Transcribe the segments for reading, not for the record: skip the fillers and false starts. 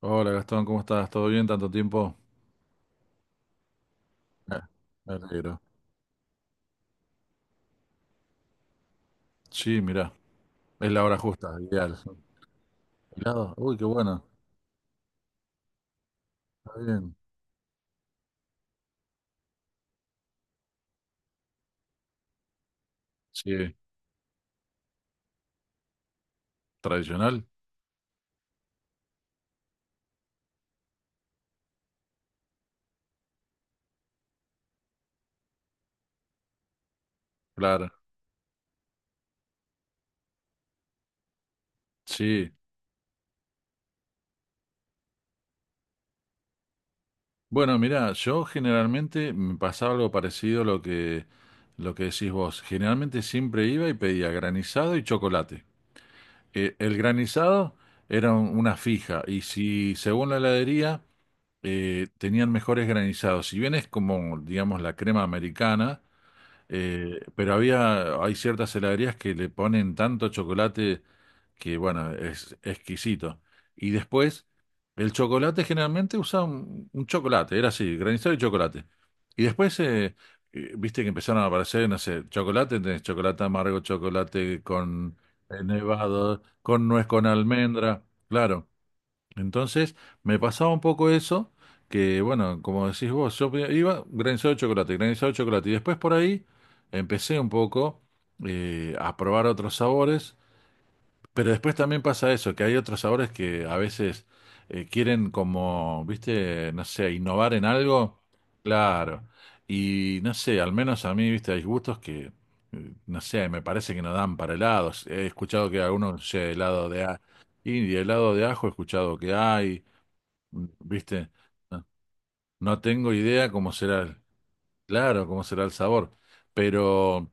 Hola Gastón, ¿cómo estás? ¿Todo bien? ¿Tanto tiempo? Me me alegro. Sí, mirá, es la hora justa, ideal. ¿Helado? Uy, qué bueno. Está bien. Sí, tradicional, claro. Sí. Bueno, mirá, yo generalmente me pasaba algo parecido a lo que decís vos. Generalmente siempre iba y pedía granizado y chocolate. El granizado era una fija y si según la heladería tenían mejores granizados, si bien es como, digamos, la crema americana. Pero hay ciertas heladerías que le ponen tanto chocolate que, bueno, es exquisito. Y después, el chocolate generalmente usaba un chocolate, era así, granizado y chocolate. Y después, viste que empezaron a aparecer, no sé, chocolate, tenés chocolate amargo, chocolate con nevado, con nuez, con almendra, claro. Entonces, me pasaba un poco eso, que bueno, como decís vos, yo iba granizado de chocolate, y después por ahí empecé un poco a probar otros sabores, pero después también pasa eso, que hay otros sabores que a veces quieren como, viste, no sé, innovar en algo, claro, y no sé, al menos a mí, viste, hay gustos que, no sé, me parece que no dan para helados, he escuchado que algunos, no sé, helado de... y de helado de ajo he escuchado que hay. ¿Viste? No, no tengo idea cómo será claro, cómo será el sabor, pero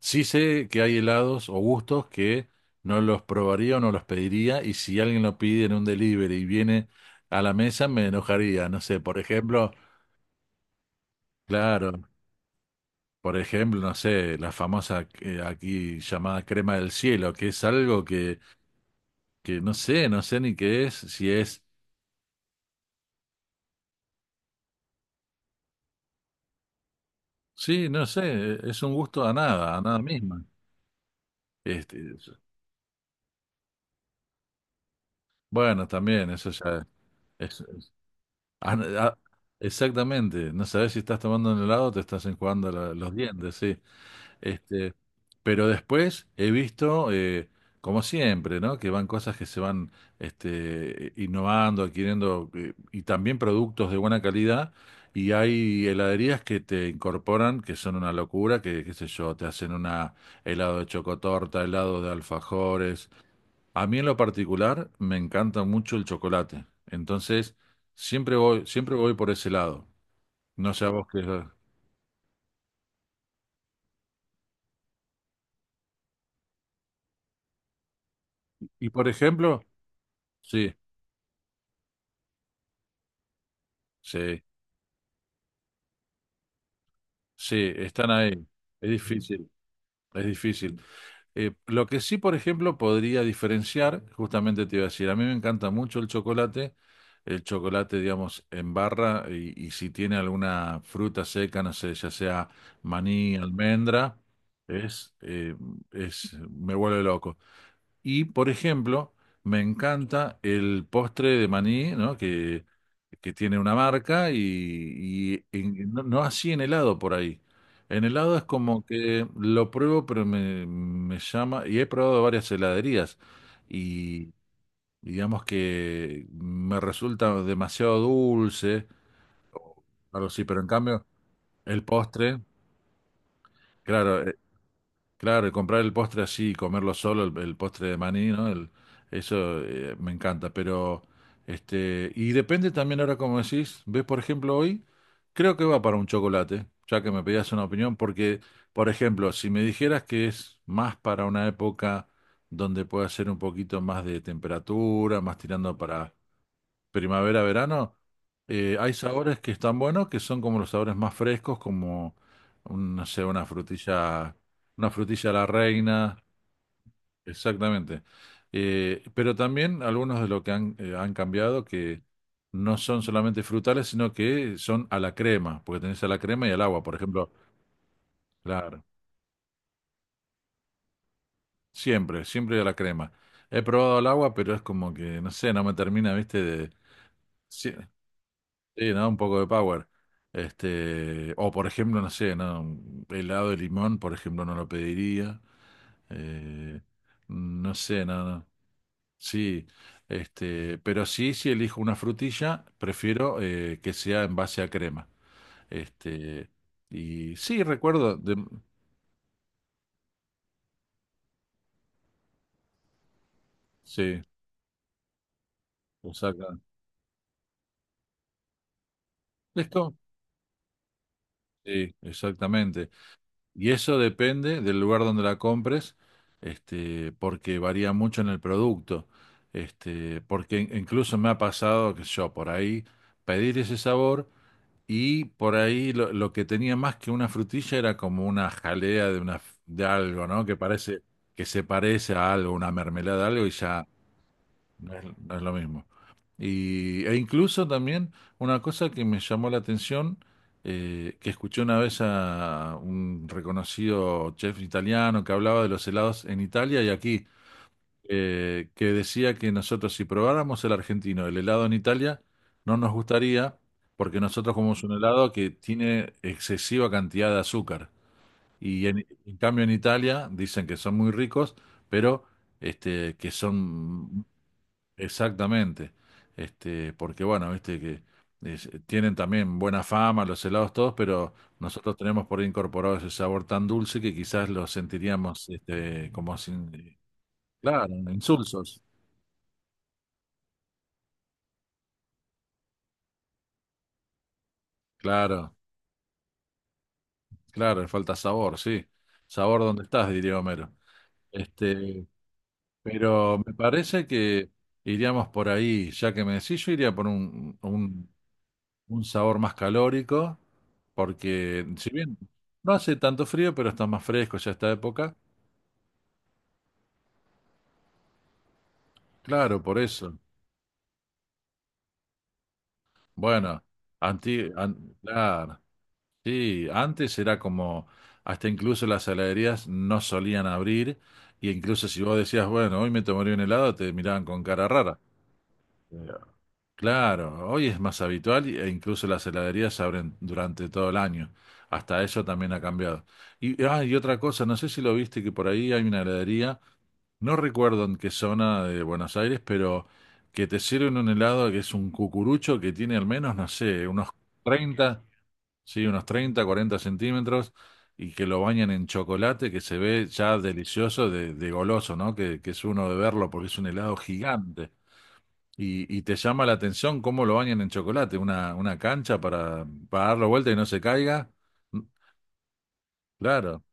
sí sé que hay helados o gustos que no los probaría o no los pediría y si alguien lo pide en un delivery y viene a la mesa me enojaría, no sé, por ejemplo, claro, por ejemplo, no sé, la famosa aquí llamada crema del cielo, que es algo que no sé, no sé ni qué es, si es, sí, no sé, es un gusto a nada misma. Este, bueno, también, eso ya es, es- ah, no, ah, exactamente, no sabes si estás tomando un helado o te estás enjuagando los dientes, sí. Este, pero después he visto, como siempre, ¿no? Que van cosas que se van este, innovando, adquiriendo, y también productos de buena calidad, y hay heladerías que te incorporan, que son una locura, que, qué sé yo, te hacen una helado de chocotorta, helado de alfajores. A mí en lo particular me encanta mucho el chocolate. Entonces, siempre voy por ese lado. No sé a vos qué. Y por ejemplo, sí, sí, sí, están ahí. Es difícil, es difícil. Lo que sí, por ejemplo, podría diferenciar, justamente te iba a decir, a mí me encanta mucho el chocolate, digamos, en barra y si tiene alguna fruta seca, no sé, ya sea maní, almendra, es, eh, es, me vuelve loco. Y, por ejemplo, me encanta el postre de maní, ¿no? Que tiene una marca y no, no así en helado por ahí. En helado es como que lo pruebo, pero me llama, y he probado varias heladerías y digamos que me resulta demasiado dulce, algo así, pero en cambio el postre, claro, claro, y comprar el postre así, y comerlo solo, el postre de maní, ¿no? El eso me encanta, pero este, y depende también ahora como decís, ves por ejemplo hoy, creo que va para un chocolate, ya que me pedías una opinión, porque por ejemplo, si me dijeras que es más para una época donde pueda ser un poquito más de temperatura, más tirando para primavera-verano, hay sabores que están buenos, que son como los sabores más frescos, como, no sé, una frutilla a la reina, exactamente. Pero también algunos de lo que han cambiado, que no son solamente frutales, sino que son a la crema, porque tenés a la crema y al agua, por ejemplo, claro, siempre, siempre a la crema. He probado al agua, pero es como que, no sé, no me termina, viste, de... Sí, sí, ¿no? Un poco de power. Este, o por ejemplo, no sé, ¿no? Un helado de limón, por ejemplo, no lo pediría. Eh, no sé, no, no. Sí, este, pero sí, si elijo una frutilla, prefiero que sea en base a crema. Este, y sí, recuerdo, sí, exacta- es sí, exactamente. Y eso depende del lugar donde la compres, este, porque varía mucho en el producto. Este, porque incluso me ha pasado que yo por ahí pedir ese sabor y por ahí lo que tenía más que una frutilla era como una jalea de una de algo, ¿no? Que parece que se parece a algo, una mermelada, algo y ya no es, no es lo mismo. Y, e incluso también una cosa que me llamó la atención, que escuché una vez a un reconocido chef italiano que hablaba de los helados en Italia y aquí, que decía que nosotros si probáramos el argentino, el helado en Italia, no nos gustaría porque nosotros comemos un helado que tiene excesiva cantidad de azúcar. Y en cambio en Italia dicen que son muy ricos, pero este, que son exactamente. Este, porque bueno, viste que tienen también buena fama los helados todos, pero nosotros tenemos por ahí incorporado ese sabor tan dulce que quizás lo sentiríamos este, como sin, claro, insulsos. Claro, claro, le falta sabor, sí. Sabor donde estás, diría Homero. Este, pero me parece que iríamos por ahí, ya que me decís, yo iría por un sabor más calórico, porque si bien no hace tanto frío, pero está más fresco ya esta época. Claro, por eso. Bueno, claro, sí, antes era como, hasta incluso las heladerías no solían abrir, y incluso si vos decías, bueno, hoy me tomaría un helado, te miraban con cara rara. Claro, hoy es más habitual e incluso las heladerías abren durante todo el año. Hasta eso también ha cambiado. Y, ah, y otra cosa, no sé si lo viste, que por ahí hay una heladería, no recuerdo en qué zona de Buenos Aires, pero que te sirven un helado que es un cucurucho que tiene al menos, no sé, 30 sí, unos 30 40 centímetros y que lo bañan en chocolate que se ve ya delicioso de goloso, ¿no? Que es uno de verlo porque es un helado gigante. Y te llama la atención cómo lo bañan en chocolate, una cancha para darlo vuelta y no se caiga. Mm, claro,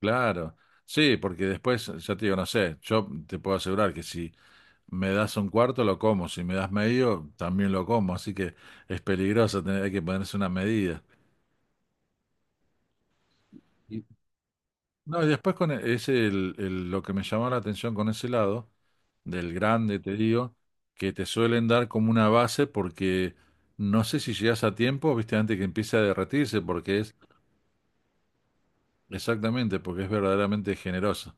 claro. Sí, porque después, ya te digo, no sé, yo te puedo asegurar que si me das un cuarto, lo como. Si me das medio, también lo como. Así que es peligroso, tener, hay que ponerse una medida. Y- No, y después con lo que me llamó la atención con ese lado, del grande, te digo, que te suelen dar como una base porque no sé si llegas a tiempo, viste, antes que empiece a derretirse, porque es exactamente, porque es verdaderamente generoso.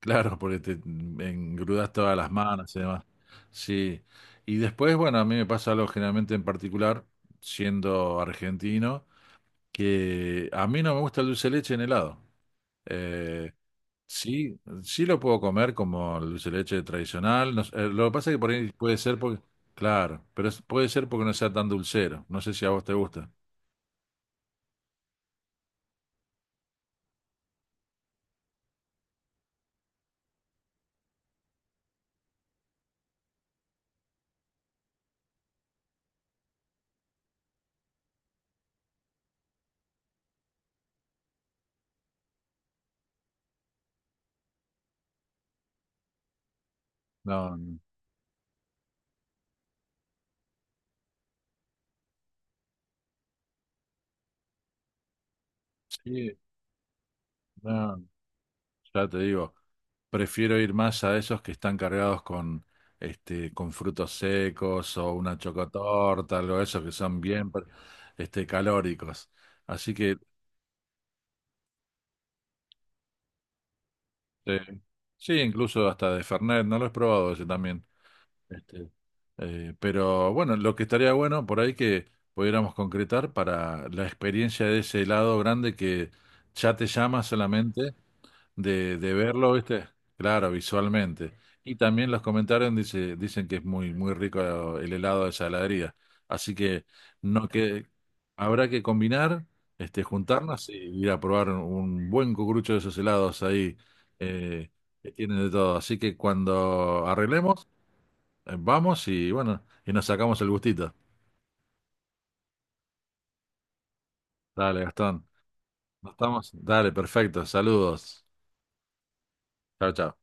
Claro, porque te engrudas todas las manos y demás. Sí. Y después, bueno, a mí me pasa algo generalmente en particular, siendo argentino, que a mí no me gusta el dulce de leche en helado. Eh, sí, sí lo puedo comer como el dulce de leche tradicional. No sé, lo que pasa es que por ahí puede ser porque, claro, pero puede ser porque no sea tan dulcero. No sé si a vos te gusta. No, no. Sí, no. Ya te digo, prefiero ir más a esos que están cargados con, este, con frutos secos o una chocotorta, algo de eso, que son bien, este, calóricos. Así que, eh, sí, incluso hasta de Fernet, no lo he probado ese también. Este, pero bueno, lo que estaría bueno por ahí que pudiéramos concretar para la experiencia de ese helado grande que ya te llama solamente de verlo, ¿viste? Claro, visualmente. Y también los comentarios dicen que es muy, muy rico el helado de saladería. Así que no que habrá que combinar, este, juntarnos y ir a probar un buen cucurucho de esos helados ahí, eh, que tienen de todo. Así que cuando arreglemos, vamos y bueno, y nos sacamos el gustito. Dale, Gastón. Nos estamos. Dale, perfecto. Saludos. Chao, chao.